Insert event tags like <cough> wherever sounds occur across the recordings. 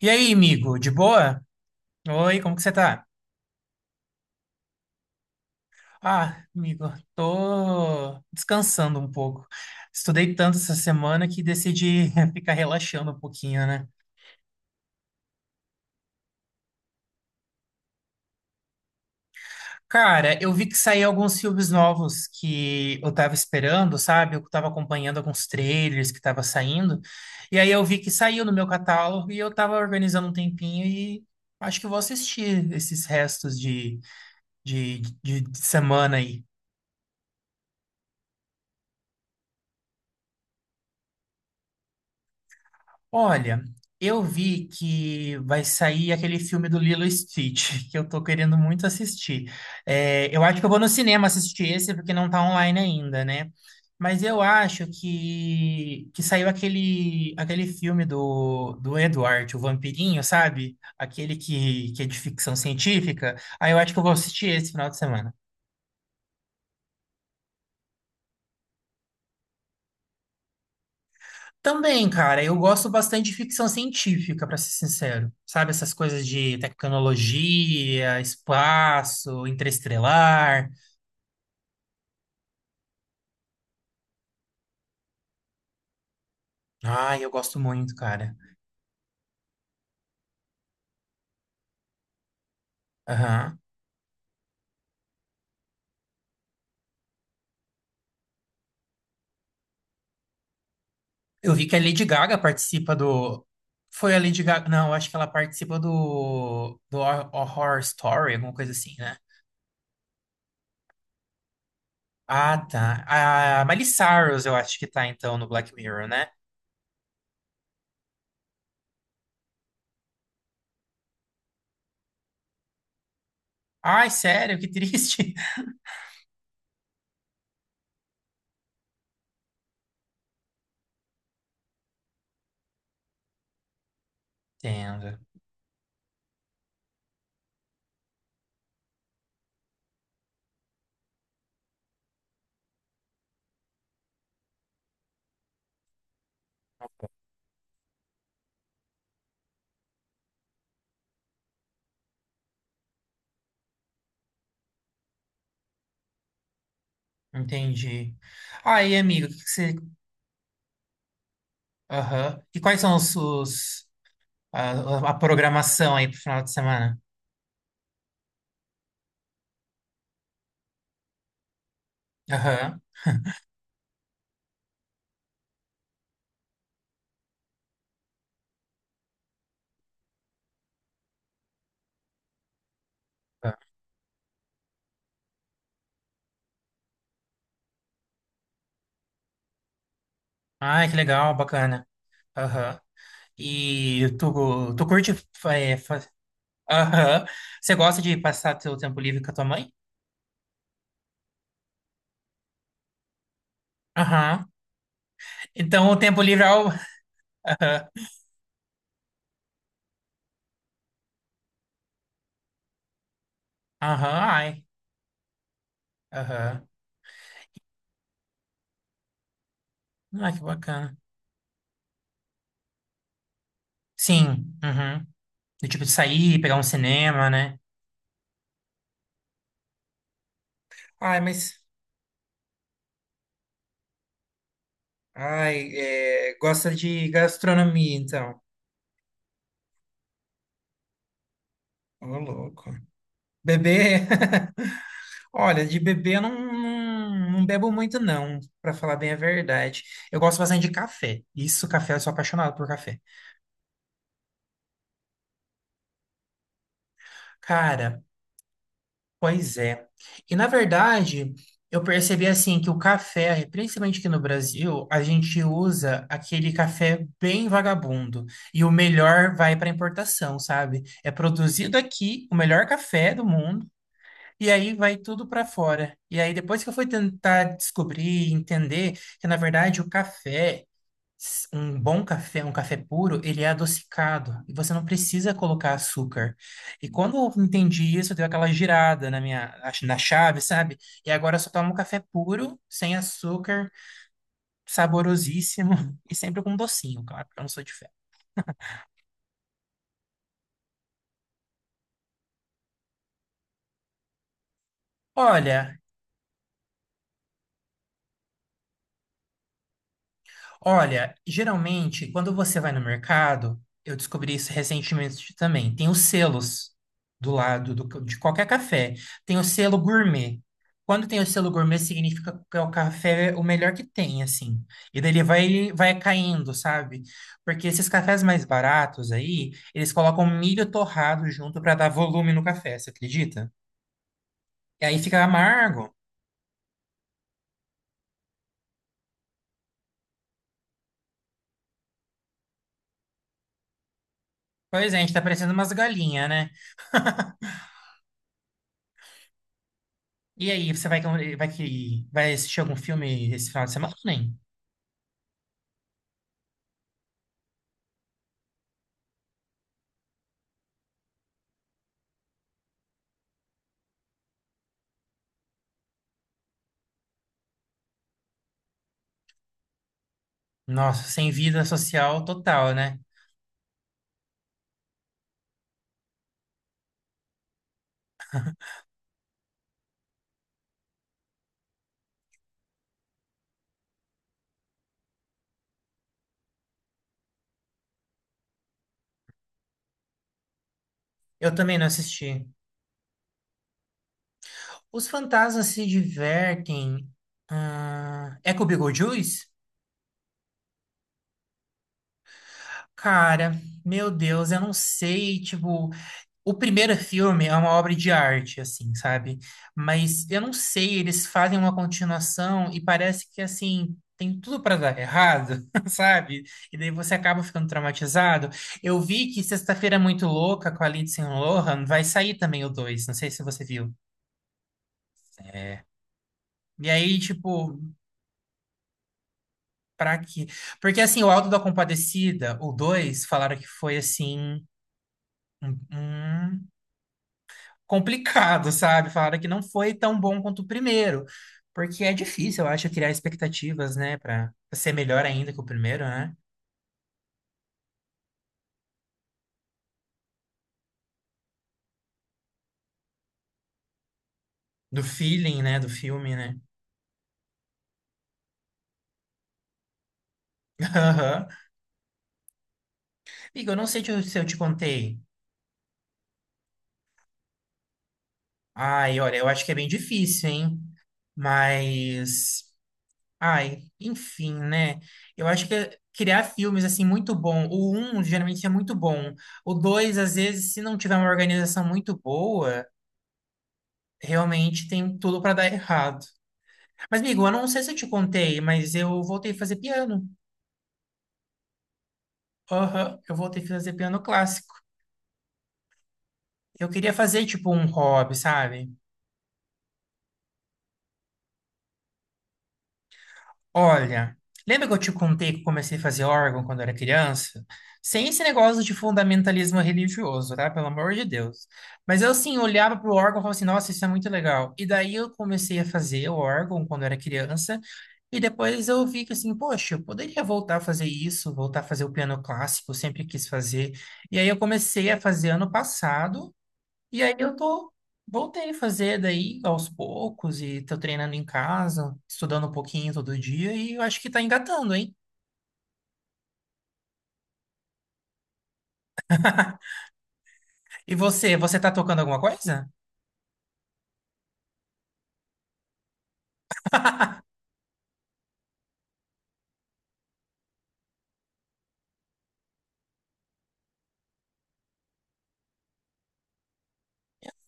E aí, amigo, de boa? Oi, como que você tá? Ah, amigo, tô descansando um pouco. Estudei tanto essa semana que decidi <laughs> ficar relaxando um pouquinho, né? Cara, eu vi que saíram alguns filmes novos que eu tava esperando, sabe? Eu tava acompanhando alguns trailers que tava saindo. E aí eu vi que saiu no meu catálogo e eu tava organizando um tempinho e acho que eu vou assistir esses restos de, de semana aí. Olha, eu vi que vai sair aquele filme do Lilo e Stitch, <laughs> que eu tô querendo muito assistir. É, eu acho que eu vou no cinema assistir esse, porque não tá online ainda, né? Mas eu acho que saiu aquele, aquele filme do, do Edward, o Vampirinho, sabe? Aquele que é de ficção científica. Aí eu acho que eu vou assistir esse final de semana. Também, cara, eu gosto bastante de ficção científica, pra ser sincero. Sabe, essas coisas de tecnologia, espaço, interestelar. Ai, eu gosto muito, cara. Aham. Eu vi que a Lady Gaga participa do. Foi a Lady Gaga. Não, eu acho que ela participa do. Do Horror Story, alguma coisa assim, né? Ah, tá. A Miley Cyrus, eu acho que tá, então, no Black Mirror, né? Ai, sério, que triste. <laughs> Entendo. Entendi. Aí, amigo, o que que você Aham. E quais são a programação aí pro final de semana? Aham. Aham. Ai, que legal, bacana. Aham. E tu, tu curte. é, fa- Aham. Você gosta de passar teu tempo livre com a tua mãe? Aham. Então o tempo livre é o. Aham. Aham, ai. Aham. Ai, que bacana. Sim. Uhum. Do tipo de sair, pegar um cinema, né? Ai, mas. Ai, é, gosta de gastronomia, então. Ô, louco. Bebê, <laughs> olha, de bebê eu não bebo muito não, pra falar bem a verdade. Eu gosto bastante de café. Isso, café, eu sou apaixonado por café. Cara, pois é. E na verdade, eu percebi assim que o café, principalmente aqui no Brasil, a gente usa aquele café bem vagabundo e o melhor vai para importação, sabe? É produzido aqui o melhor café do mundo. E aí vai tudo para fora. E aí depois que eu fui tentar descobrir, entender que na verdade o café, um bom café, um café puro, ele é adocicado e você não precisa colocar açúcar. E quando eu entendi isso, deu aquela girada na minha na chave, sabe? E agora eu só tomo café puro, sem açúcar, saborosíssimo <laughs> e sempre com docinho, claro, porque eu não sou de fé. Olha, Olha, geralmente, quando você vai no mercado, eu descobri isso recentemente também, tem os selos do lado do de qualquer café. Tem o selo gourmet. Quando tem o selo gourmet, significa que é o café o melhor que tem, assim. E daí ele vai, vai caindo, sabe? Porque esses cafés mais baratos aí, eles colocam milho torrado junto para dar volume no café, você acredita? E aí fica amargo. Pois é, a gente tá parecendo umas galinhas, né? E aí, você vai, vai que vai assistir algum filme esse final de semana ou nem? Nossa, sem vida social total, né? Eu também não assisti. Os fantasmas se divertem. Ah, é com o Beetlejuice? Cara, meu Deus, eu não sei, tipo. O primeiro filme é uma obra de arte, assim, sabe? Mas eu não sei, eles fazem uma continuação e parece que, assim, tem tudo pra dar errado, <laughs> sabe? E daí você acaba ficando traumatizado. Eu vi que Sexta-feira é Muito Louca com a Lindsay Lohan vai sair também o 2. Não sei se você viu. É. E aí, tipo, pra quê? Porque, assim, o Auto da Compadecida, o 2 falaram que foi, assim, um complicado, sabe? Falaram que não foi tão bom quanto o primeiro, porque é difícil, eu acho, criar expectativas, né? Pra ser melhor ainda que o primeiro, né? Do feeling, né, do filme, né? <laughs> Aham. Amigo, eu não sei se eu te contei. Ai, olha, eu acho que é bem difícil, hein? Mas, ai, enfim, né? Eu acho que criar filmes assim muito bom. O um geralmente é muito bom. O dois, às vezes, se não tiver uma organização muito boa, realmente tem tudo para dar errado. Mas, amigo, eu não sei se eu te contei, mas eu voltei a fazer piano. Aham, eu voltei a fazer piano clássico. Eu queria fazer, tipo, um hobby, sabe? Olha, lembra que eu te contei que eu comecei a fazer órgão quando era criança? Sem esse negócio de fundamentalismo religioso, tá? Pelo amor de Deus. Mas eu, assim, olhava pro órgão e falava assim, nossa, isso é muito legal. E daí eu comecei a fazer o órgão quando era criança. E depois eu vi que, assim, poxa, eu poderia voltar a fazer isso, voltar a fazer o piano clássico, eu sempre quis fazer. E aí eu comecei a fazer ano passado. E aí eu tô, voltei a fazer daí aos poucos e tô treinando em casa, estudando um pouquinho todo dia e eu acho que tá engatando, hein? E você, você tá tocando alguma coisa?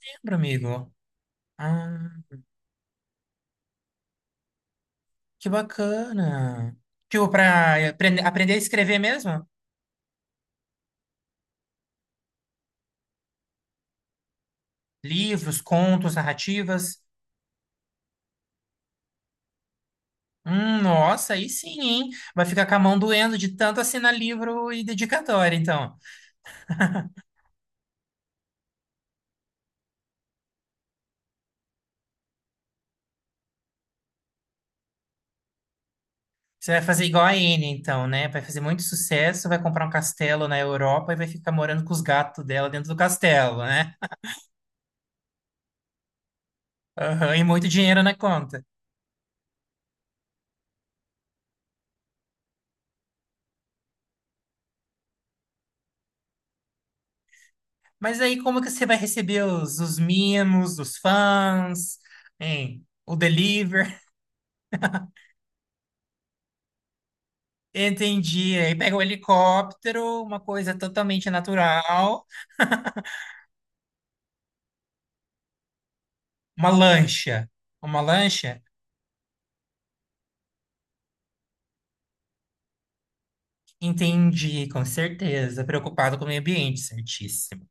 Lembro, amigo. Ah, que bacana. Tipo, pra aprender a escrever mesmo? Livros, contos, narrativas. Nossa, aí sim, hein? Vai ficar com a mão doendo de tanto assinar livro e dedicatória, então. Você vai fazer igual a Anne, então, né? Vai fazer muito sucesso, vai comprar um castelo na Europa e vai ficar morando com os gatos dela dentro do castelo, né? Aham, e muito dinheiro na conta. Mas aí, como que você vai receber os mimos dos fãs, hein? O deliver? <laughs> Entendi. Aí pega o helicóptero, uma coisa totalmente natural, uma lancha. Uma lancha? Entendi, com certeza. Preocupado com o meio ambiente, certíssimo.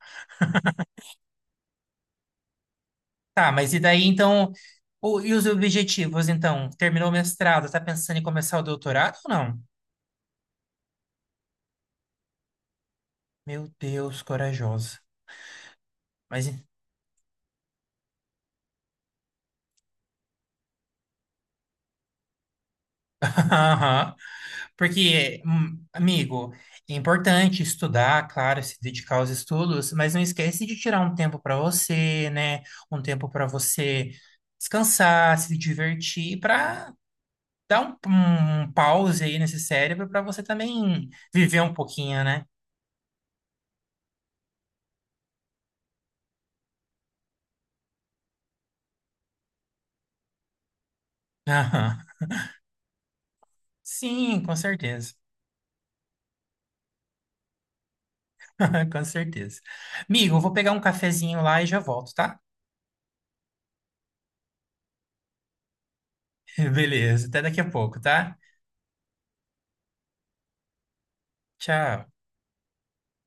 Tá, mas e daí então, e os objetivos então? Terminou o mestrado, tá pensando em começar o doutorado ou não? Meu Deus, corajosa. Mas <laughs> Aham. Porque, amigo, é importante estudar, claro, se dedicar aos estudos, mas não esquece de tirar um tempo para você, né? Um tempo para você descansar, se divertir, para dar um, um pause aí nesse cérebro para você também viver um pouquinho, né? <laughs> Aham. Sim, com certeza. <laughs> Com certeza. Migo, eu vou pegar um cafezinho lá e já volto, tá? <laughs> Beleza, até daqui a pouco, tá? Tchau.